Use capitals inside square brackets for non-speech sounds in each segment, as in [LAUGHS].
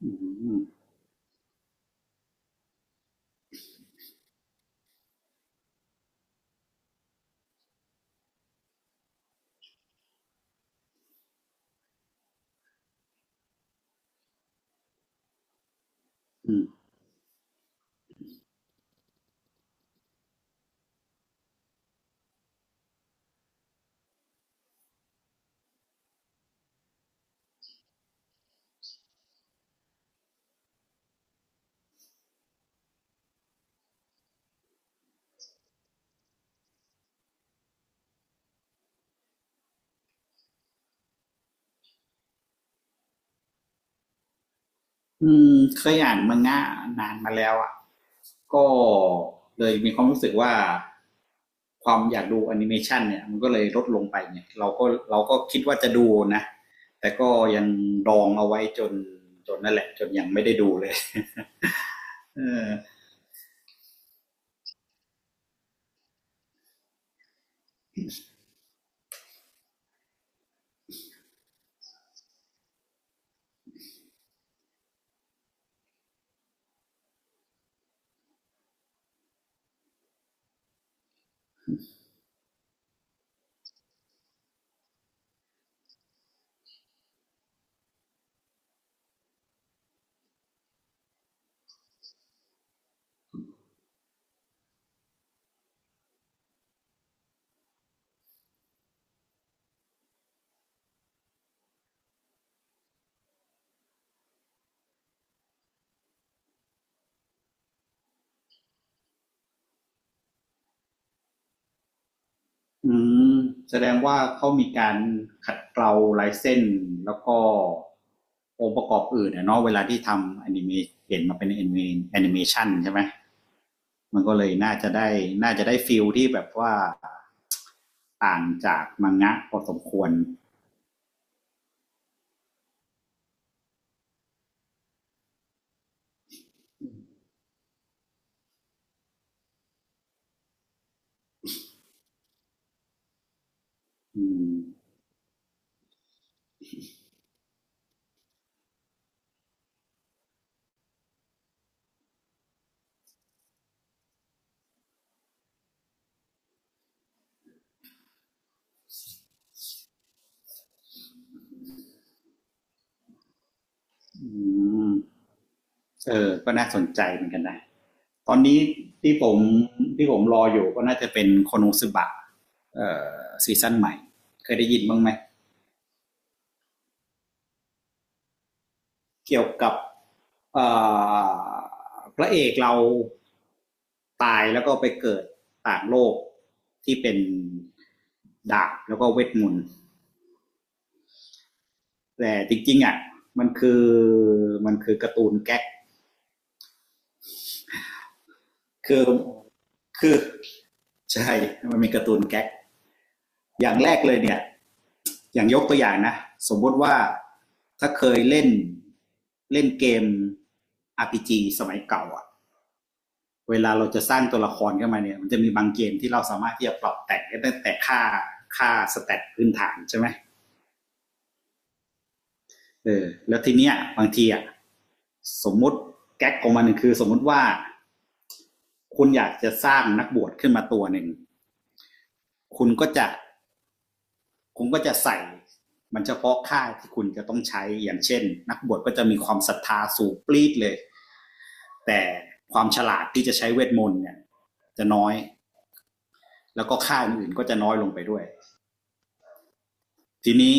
อืมอืมอืมเคยอ่านมังงะนานมาแล้วอ่ะก็เลยมีความรู้สึกว่าความอยากดูแอนิเมชันเนี่ยมันก็เลยลดลงไปเนี่ยเราก็คิดว่าจะดูนะแต่ก็ยังดองเอาไว้จนนั่นแหละจนยังไม่ได้ดูเลยเออ อืมแสดงว่าเขามีการขัดเกลาลายเส้นแล้วก็องค์ประกอบอื่นอะเนาะเวลาที่ทำแอนิเมเปลี่ยนมาเป็นแอนิเมชันใช่ไหมมันก็เลยน่าจะได้ฟิลที่แบบว่าต่างจากมังงะพอสมควรอืมอืมเออก็น่าสนใจเหมือนกันนะตอนนี้ที่ผมที่ผมรออยู่ก็น่าจะเป็นโคโนซึบะเอ่อซีซั่นใหม่เคยได้ยินบ้างไหม เกี่ยวกับพระเอกเราตายแล้วก็ไปเกิดต่างโลกที่เป็นดาบแล้วก็เวทมนต์แต่จริงๆอ่ะมันคือมันคือการ์ตูนแก๊กคือคือใช่มันมีการ์ตูนแก๊กอย่างแรกเลยเนี่ยอย่างยกตัวอย่างนะสมมติว่าถ้าเคยเล่นเล่นเกม RPG สมัยเก่าอะ เวลาเราจะสร้างตัวละครขึ้นมาเนี่ยมันจะมีบางเกมที่เราสามารถที่จะปรับแต่งได้ตั้งแต่ค่าสแตทพื้นฐานใช่ไหมเออแล้วทีเนี้ยบางทีอ่ะสมมติแก๊กของมันหนึ่งคือสมมุติว่าคุณอยากจะสร้างนักบวชขึ้นมาตัวหนึ่งคุณก็จะคุณก็จะใส่มันเฉพาะค่าที่คุณจะต้องใช้อย่างเช่นนักบวชก็จะมีความศรัทธาสูงปรีดเลยแต่ความฉลาดที่จะใช้เวทมนต์เนี่ยจะน้อยแล้วก็ค่าอื่นก็จะน้อยลงไปด้วยทีนี้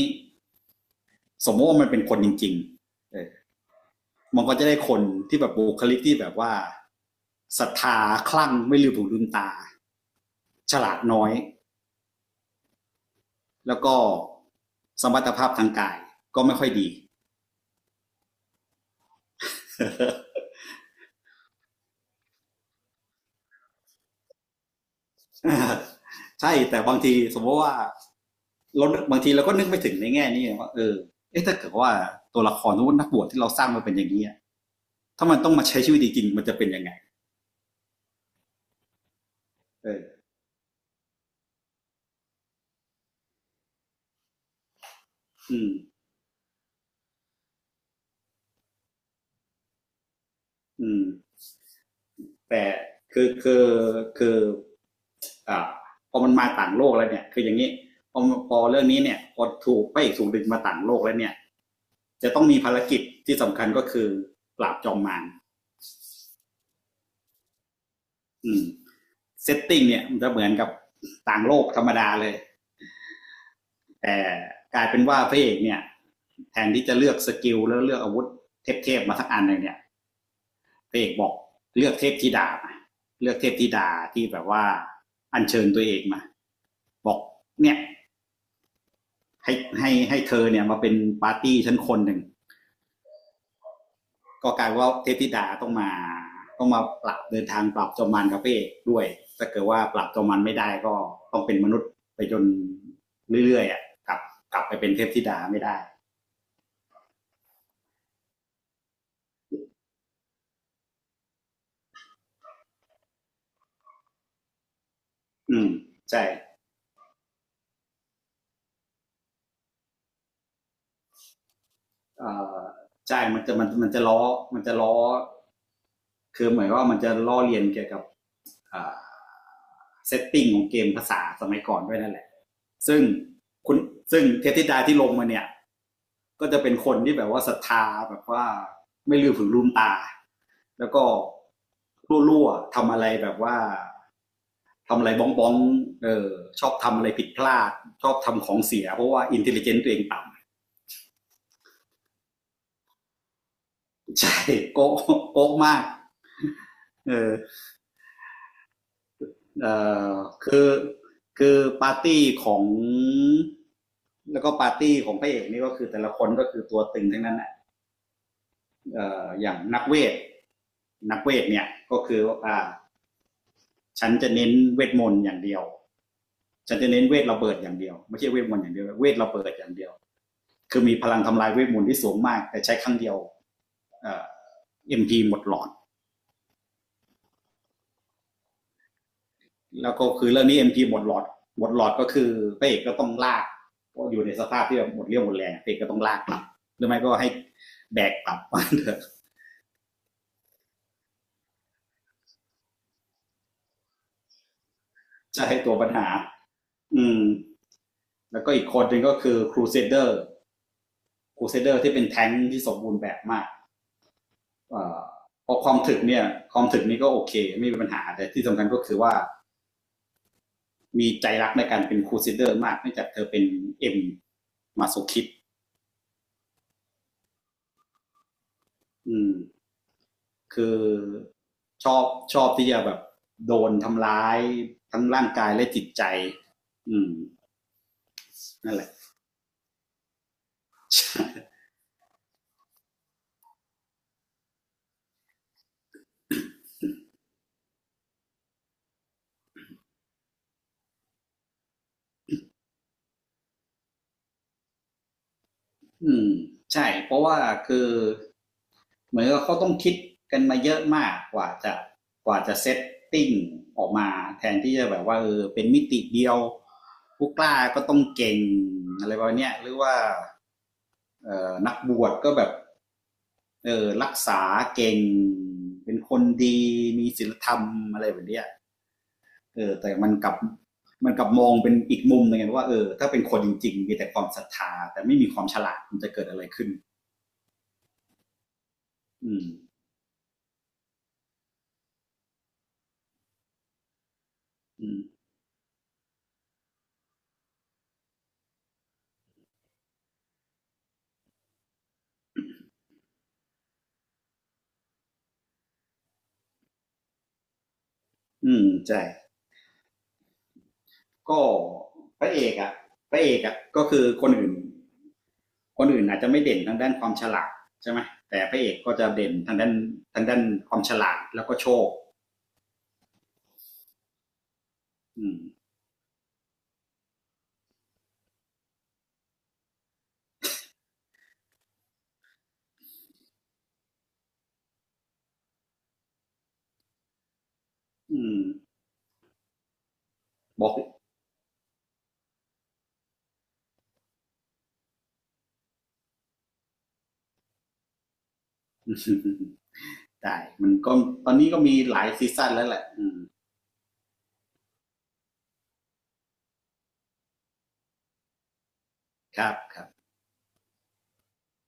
สมมติว่ามันเป็นคนจริงๆเออมันก็จะได้คนที่แบบบุคลิกที่แบบว่าศรัทธาคลั่งไม่ลืมหูลืมตาฉลาดน้อยแล้วก็สมรรถภาพทางกายก็ไม่ค่อยดี [LAUGHS] ใช่แต่บางทีสมมติว่าเราบางทีเราก็นึกไม่ถึงในแง่นี้ว่าเออเอ๊ะถ้าเกิดว่าตัวละครนักบวชที่เราสร้างมาเป็นอย่างนี้ถ้ามันต้องมาใช้ชีวิตจริงมันจะเป็นยังไงเอออืมอืมแต่คือคือคือ อ่าพอมันมาต่างโลกแล้วเนี่ยคืออย่างนี้พอพอเรื่องนี้เนี่ยพอถูกพระเอกถูกดึงมาต่างโลกแล้วเนี่ยจะต้องมีภารกิจที่สำคัญก็คือปราบจอมมารอืมเซตติ้งเนี่ยมันจะเหมือนกับต่างโลกธรรมดาเลยแต่กลายเป็นว่าพระเอกเนี่ยแทนที่จะเลือกสกิลแล้วเลือกอาวุธเทพๆมาสักอันหนึ่งเนี่ยพระเอกบอกเลือกเทพธิดามเลือกเทพธิดาที่แบบว่าอัญเชิญตัวเองมาบอกเนี่ยให้ให้เธอเนี่ยมาเป็นปาร์ตี้ชั้นคนหนึ่ง ก็กลายว่าเทพธิดาต้องมาปรับเดินทางปรับจอมมันกับพระเอกด้วยถ้าเกิดว่าปรับจอมมันไม่ได้ก็ต้องเป็นมนุษย์ไปจนเรื่อยๆอ่ะกลับกลับไปเป็นเทพธิดาไม่ได้อืมใช่เอ่อใช่มันจะมันมันจะล้อมันจะล้อคือเหมือนว่ามันจะล้อเลียนเกี่ยวกับอ่าเซตติ้งของเกมภาษาสมัยก่อนด้วยนั่นแหละซึ่งคุณซึ่งเทพธิดาที่ลงมาเนี่ยก็จะเป็นคนที่แบบว่าศรัทธาแบบว่าไม่ลืมถืนลืมตา แล้วก็รั่วๆทำอะไรแบบว่าทำอะไรบ้องบ้องๆเออชอบทำอะไรผิดพลาดชอบทำของเสียเพราะว่าอินเทลลิเจนต์ตัวเองต่ำ [LAUGHS] ใช่โก๊ะโก๊ะมากเออเออคือคือปาร์ตี้ของแล้วก็ปาร์ตี้ของพระเอกนี่ก็คือแต่ละคนก็คือตัวตึงทั้งนั้นอ่ะเอออย่างนักเวทนักเวทเนี่ยก็คือวฉันจะเน้นเวทมนต์อย่างเดียวฉันจะเน้นเวทระเบิดอย่างเดียวไม่ใช่เวทมนต์อย่างเดียวเวทระเบิดอย่างเดียว คือมีพลังทำลายเวทมนต์ที่สูงมากแต่ใช้ครั้งเดียวเอ่อ MP หมดหลอดแล้วก็คือเรื่องนี้ MP หมดหลอดก็คือพระเอกก็ต้องลากก็อยู่ในสภาพที่แบบหมดเรี่ยวหมดแรงพระเอกก็ต้องลากกลับหรือไม่ก็ให้แบกกลับมาเถอะ [LAUGHS] จะให้ตัวปัญหาอืมแล้วก็อีกคนหนึ่งก็คือครูเซเดอร์ครูเซเดอร์ที่เป็นแท้งค์ที่สมบูรณ์แบบมากเอ่อพอความถึกเนี่ยความถึกนี้ก็โอเคไม่มีปัญหาแต่ที่สำคัญก็คือว่า มีใจรักในการเป็นครูซิเดอร์มากเนื่องจากเธอเป็นเอ็มมาโซคิดอืมคือชอบชอบที่จะแบบโดนทำร้ายทั้งร่างกายและจิตใจอืมนั่นแหละอืมใช่เพราะว่าคือเหมือนกับเขาต้องคิดกันมาเยอะมากกว่าจะเซตติ้งออกมาแทนที่จะแบบว่าเออเป็นมิติเดียวผู้กล้าก็ต้องเก่งอะไรประมาณเนี้ยหรือว่านักบวชก็แบบ เออรักษาเก่งเป็นคนดีมีศีลธรรมอะไรแบบเนี้ยเออแต่มันกลับมองเป็นอีกมุมหนึงไงว่าเออถ้าเป็นคนจริงๆมีแต่ความศรัทธาแต่ไม่มีความฉลาดมันจะเกิดอะไรขึ้นอืมอืมอืมใช่ก็พระเอกอะพระเอกอะก็คือคนอื่นอาจจะไม่เด่นทางด้านความฉลาดใช่ไหมแต่พระเอกก็จะเด่นทางด้านความฉลาดแล้วก็โชคอืมอืมบอก [LAUGHS] ได้มันก็ตอนนี้ก็มีหลายซีซั่นแล้วแหละอืมครับครับ